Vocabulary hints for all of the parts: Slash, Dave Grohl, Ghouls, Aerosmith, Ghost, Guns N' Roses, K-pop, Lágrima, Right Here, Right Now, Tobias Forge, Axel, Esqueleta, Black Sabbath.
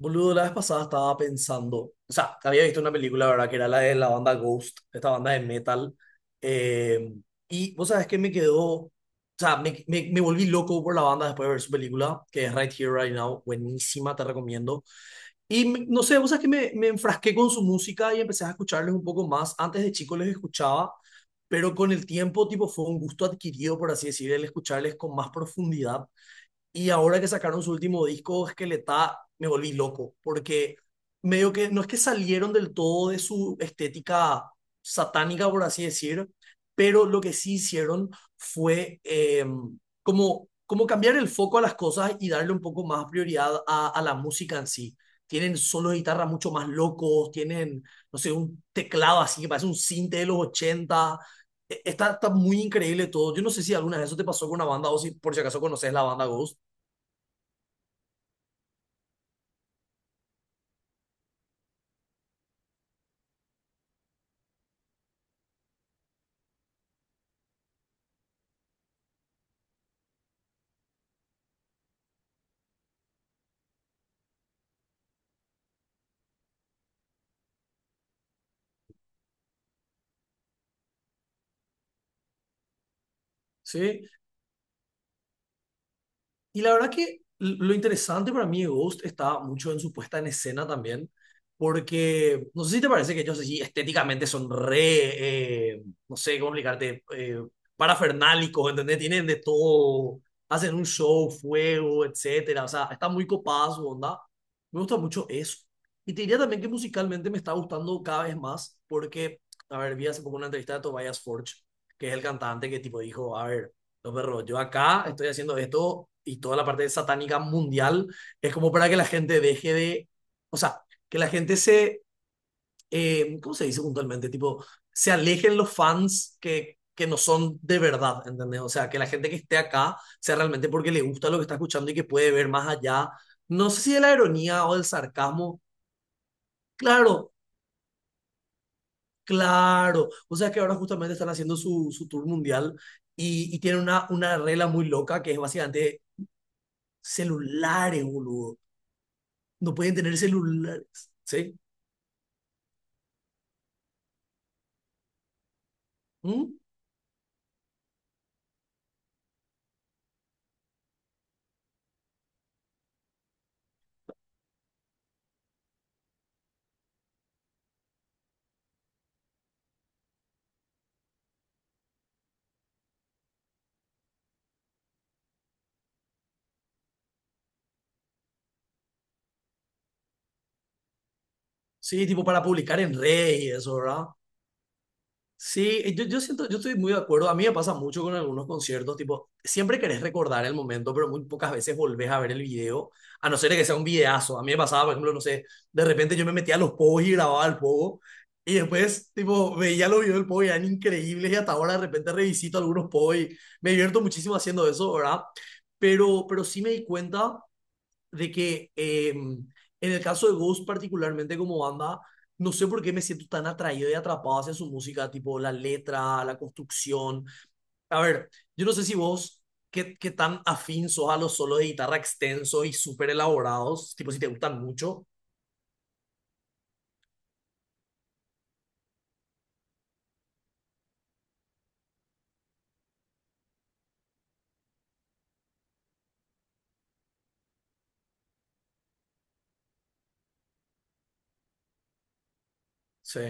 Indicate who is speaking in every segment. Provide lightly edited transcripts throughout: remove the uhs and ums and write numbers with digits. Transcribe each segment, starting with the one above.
Speaker 1: Boludo, la vez pasada estaba pensando, o sea, había visto una película, ¿verdad? Que era la de la banda Ghost, esta banda de metal. eh, y vos sabés que me quedó, o sea, me volví loco por la banda después de ver su película, que es Right Here, Right Now, buenísima, te recomiendo. Y no sé, vos sabés que me enfrasqué con su música y empecé a escucharles un poco más. Antes de chico les escuchaba, pero con el tiempo, tipo, fue un gusto adquirido, por así decir, el escucharles con más profundidad. Y ahora que sacaron su último disco, Esqueleta, me volví loco, porque medio que no es que salieron del todo de su estética satánica, por así decir, pero lo que sí hicieron fue como cambiar el foco a las cosas y darle un poco más prioridad a la música en sí. Tienen solos de guitarra mucho más locos, tienen, no sé, un teclado así que parece un cinte de los 80. Está muy increíble todo. Yo no sé si alguna vez eso te pasó con una banda o si por si acaso conoces la banda Ghost. Sí, y la verdad que lo interesante para mí de Ghost está mucho en su puesta en escena también, porque no sé si te parece que ellos sí estéticamente son re, no sé cómo explicarte, parafernálicos, ¿entendés? Tienen de todo, hacen un show, fuego, etcétera, o sea, está muy copada su onda. Me gusta mucho eso. Y te diría también que musicalmente me está gustando cada vez más, porque, a ver, vi hace poco una entrevista de Tobias Forge, que es el cantante que tipo dijo, a ver no, perro, yo acá estoy haciendo esto y toda la parte satánica mundial es como para que la gente deje de, o sea, que la gente se, ¿cómo se dice puntualmente? Tipo, se alejen los fans que no son de verdad, ¿entendés? O sea, que la gente que esté acá sea realmente porque le gusta lo que está escuchando y que puede ver más allá, no sé si de la ironía o del sarcasmo, claro, claro, o sea que ahora justamente están haciendo su, su tour mundial. Y tienen una regla muy loca que es básicamente celulares, boludo. No pueden tener celulares, ¿sí? ¿Mm? Sí, tipo para publicar en redes y eso, ¿verdad? Sí, yo siento, yo estoy muy de acuerdo. A mí me pasa mucho con algunos conciertos, tipo, siempre querés recordar el momento, pero muy pocas veces volvés a ver el video, a no ser que sea un videazo. A mí me pasaba, por ejemplo, no sé, de repente yo me metía a los pogos y grababa el pogo, y después, tipo, veía los videos del pogo y eran increíbles, y hasta ahora de repente revisito algunos pogos y me divierto muchísimo haciendo eso, ¿verdad? Pero sí me di cuenta de que en el caso de Ghost particularmente como banda, no sé por qué me siento tan atraído y atrapado hacia su música, tipo la letra, la construcción. A ver, yo no sé si vos, qué tan afín sos a los solos de guitarra extensos y súper elaborados, tipo si te gustan mucho. Sí.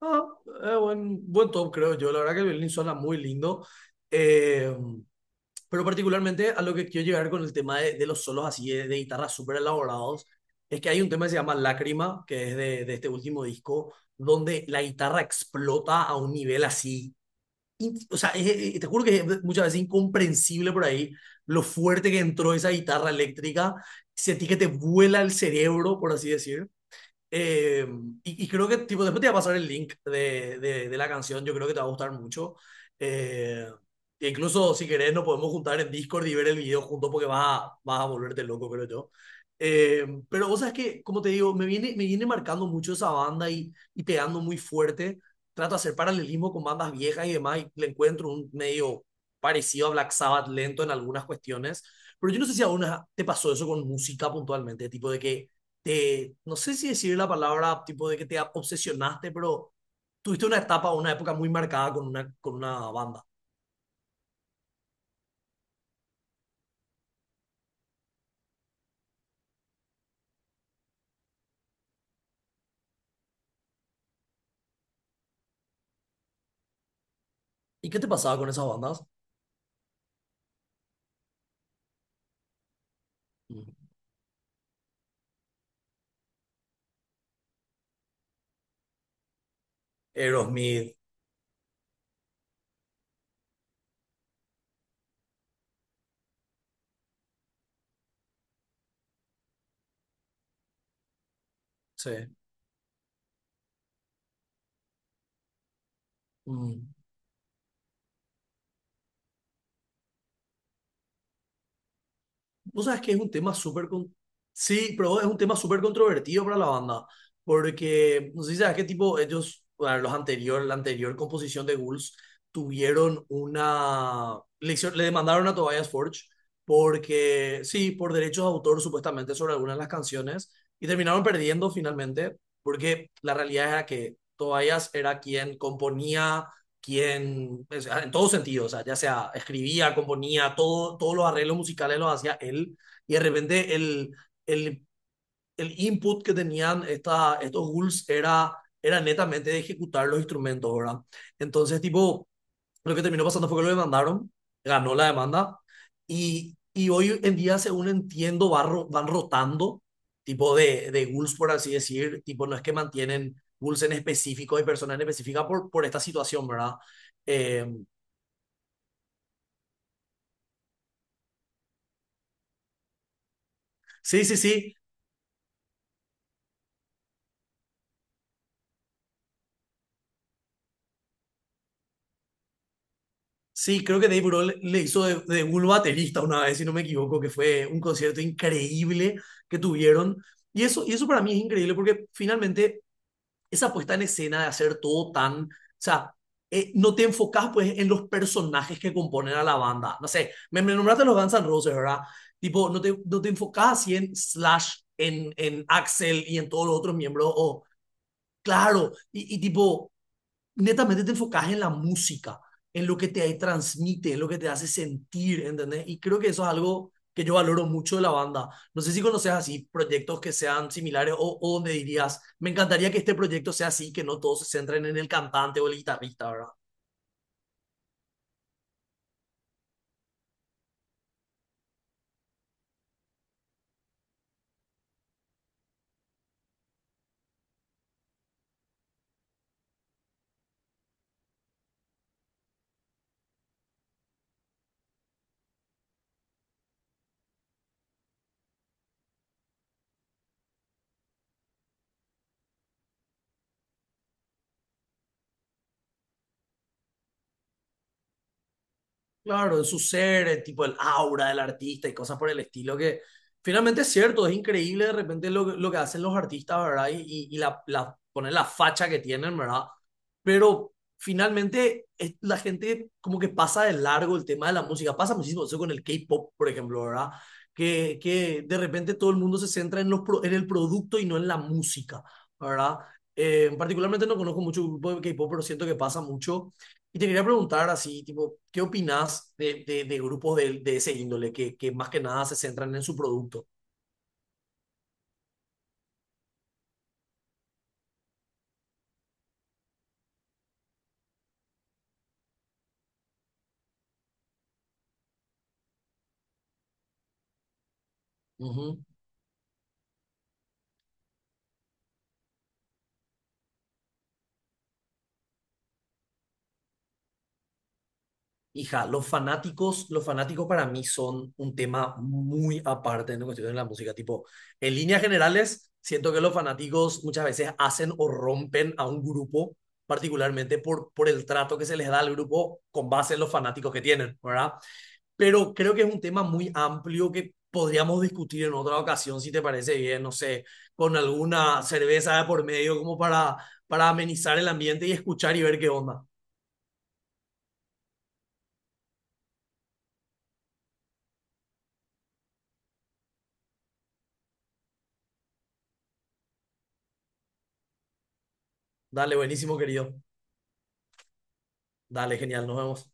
Speaker 1: Ah, buen top, creo yo. La verdad que el violín suena muy lindo. Eh, Pero particularmente a lo que quiero llegar con el tema de los solos así de guitarras súper elaborados, es que hay un tema que se llama Lágrima, que es de este último disco, donde la guitarra explota a un nivel así. O sea, te juro que es muchas veces incomprensible por ahí lo fuerte que entró esa guitarra eléctrica. Sentí que te vuela el cerebro, por así decir. Eh, y creo que tipo, después te voy a pasar el link de, de la canción, yo creo que te va a gustar mucho. Eh, E incluso si querés nos podemos juntar en Discord y ver el video juntos porque vas a, vas a volverte loco, creo yo. Pero vos sabes que, como te digo, me viene marcando mucho esa banda y pegando muy fuerte. Trato de hacer paralelismo con bandas viejas y demás y le encuentro un medio parecido a Black Sabbath lento en algunas cuestiones. Pero yo no sé si a una te pasó eso con música puntualmente, tipo de que te, no sé si decir la palabra tipo de que te obsesionaste, pero tuviste una etapa, una época muy marcada con una banda. ¿Y qué te pasaba con esas bandas? Mm. Aerosmith, sí. Mm. Vos sabés que es un tema súper... Sí, pero es un tema súper controvertido para la banda, porque no sé si sabes qué tipo ellos, bueno, los anterior, la anterior composición de Ghouls tuvieron una... Le, le demandaron a Tobias Forge porque, sí, por derechos de autor supuestamente sobre algunas de las canciones y terminaron perdiendo finalmente porque la realidad era que Tobias era quien componía quien, o sea, en todos sentidos, o sea, ya sea escribía, componía, todo, todos los arreglos musicales los hacía él, y de repente el, el input que tenían esta, estos ghouls era, era netamente de ejecutar los instrumentos, ¿verdad? Entonces, tipo, lo que terminó pasando fue que lo demandaron, ganó la demanda y hoy en día, según entiendo, van rotando tipo de ghouls, por así decir, tipo no es que mantienen ghouls en específico y personas en específica por esta situación, ¿verdad? Eh, sí, sí, sí, sí, creo que Dave Grohl le hizo de, ghoul baterista una vez, si no me equivoco, que fue un concierto increíble que tuvieron. Y eso para mí es increíble porque finalmente esa puesta en escena de hacer todo tan, o sea, no te enfocas pues en los personajes que componen a la banda. No sé, me nombraste los Guns N' Roses, ¿verdad? Tipo, no te, no te enfocas así en Slash, en Axel y en todos los otros miembros. O, claro, y tipo, netamente te enfocas en la música, en lo que te transmite, en lo que te hace sentir, ¿entendés? Y creo que eso es algo que yo valoro mucho de la banda. No sé si conoces así proyectos que sean similares o donde dirías, me encantaría que este proyecto sea así, que no todos se centren en el cantante o el guitarrista, ¿verdad? Claro, en su ser, el tipo el aura del artista y cosas por el estilo que finalmente es cierto, es increíble de repente lo que hacen los artistas, ¿verdad? Y, y la, poner la facha que tienen, ¿verdad? Pero finalmente la gente como que pasa de largo el tema de la música, pasa muchísimo eso con el K-pop, por ejemplo, ¿verdad? Que de repente todo el mundo se centra en, los, en el producto y no en la música, ¿verdad? Particularmente no conozco mucho grupo de K-pop, pero siento que pasa mucho y te quería preguntar así, tipo, ¿qué opinás de, de grupos de ese índole que más que nada se centran en su producto? Ujú. Hija, los fanáticos para mí son un tema muy aparte en cuestión de la música. Tipo, en líneas generales, siento que los fanáticos muchas veces hacen o rompen a un grupo, particularmente por el trato que se les da al grupo con base en los fanáticos que tienen, ¿verdad? Pero creo que es un tema muy amplio que podríamos discutir en otra ocasión, si te parece bien, no sé, con alguna cerveza de por medio como para amenizar el ambiente y escuchar y ver qué onda. Dale, buenísimo, querido. Dale, genial, nos vemos.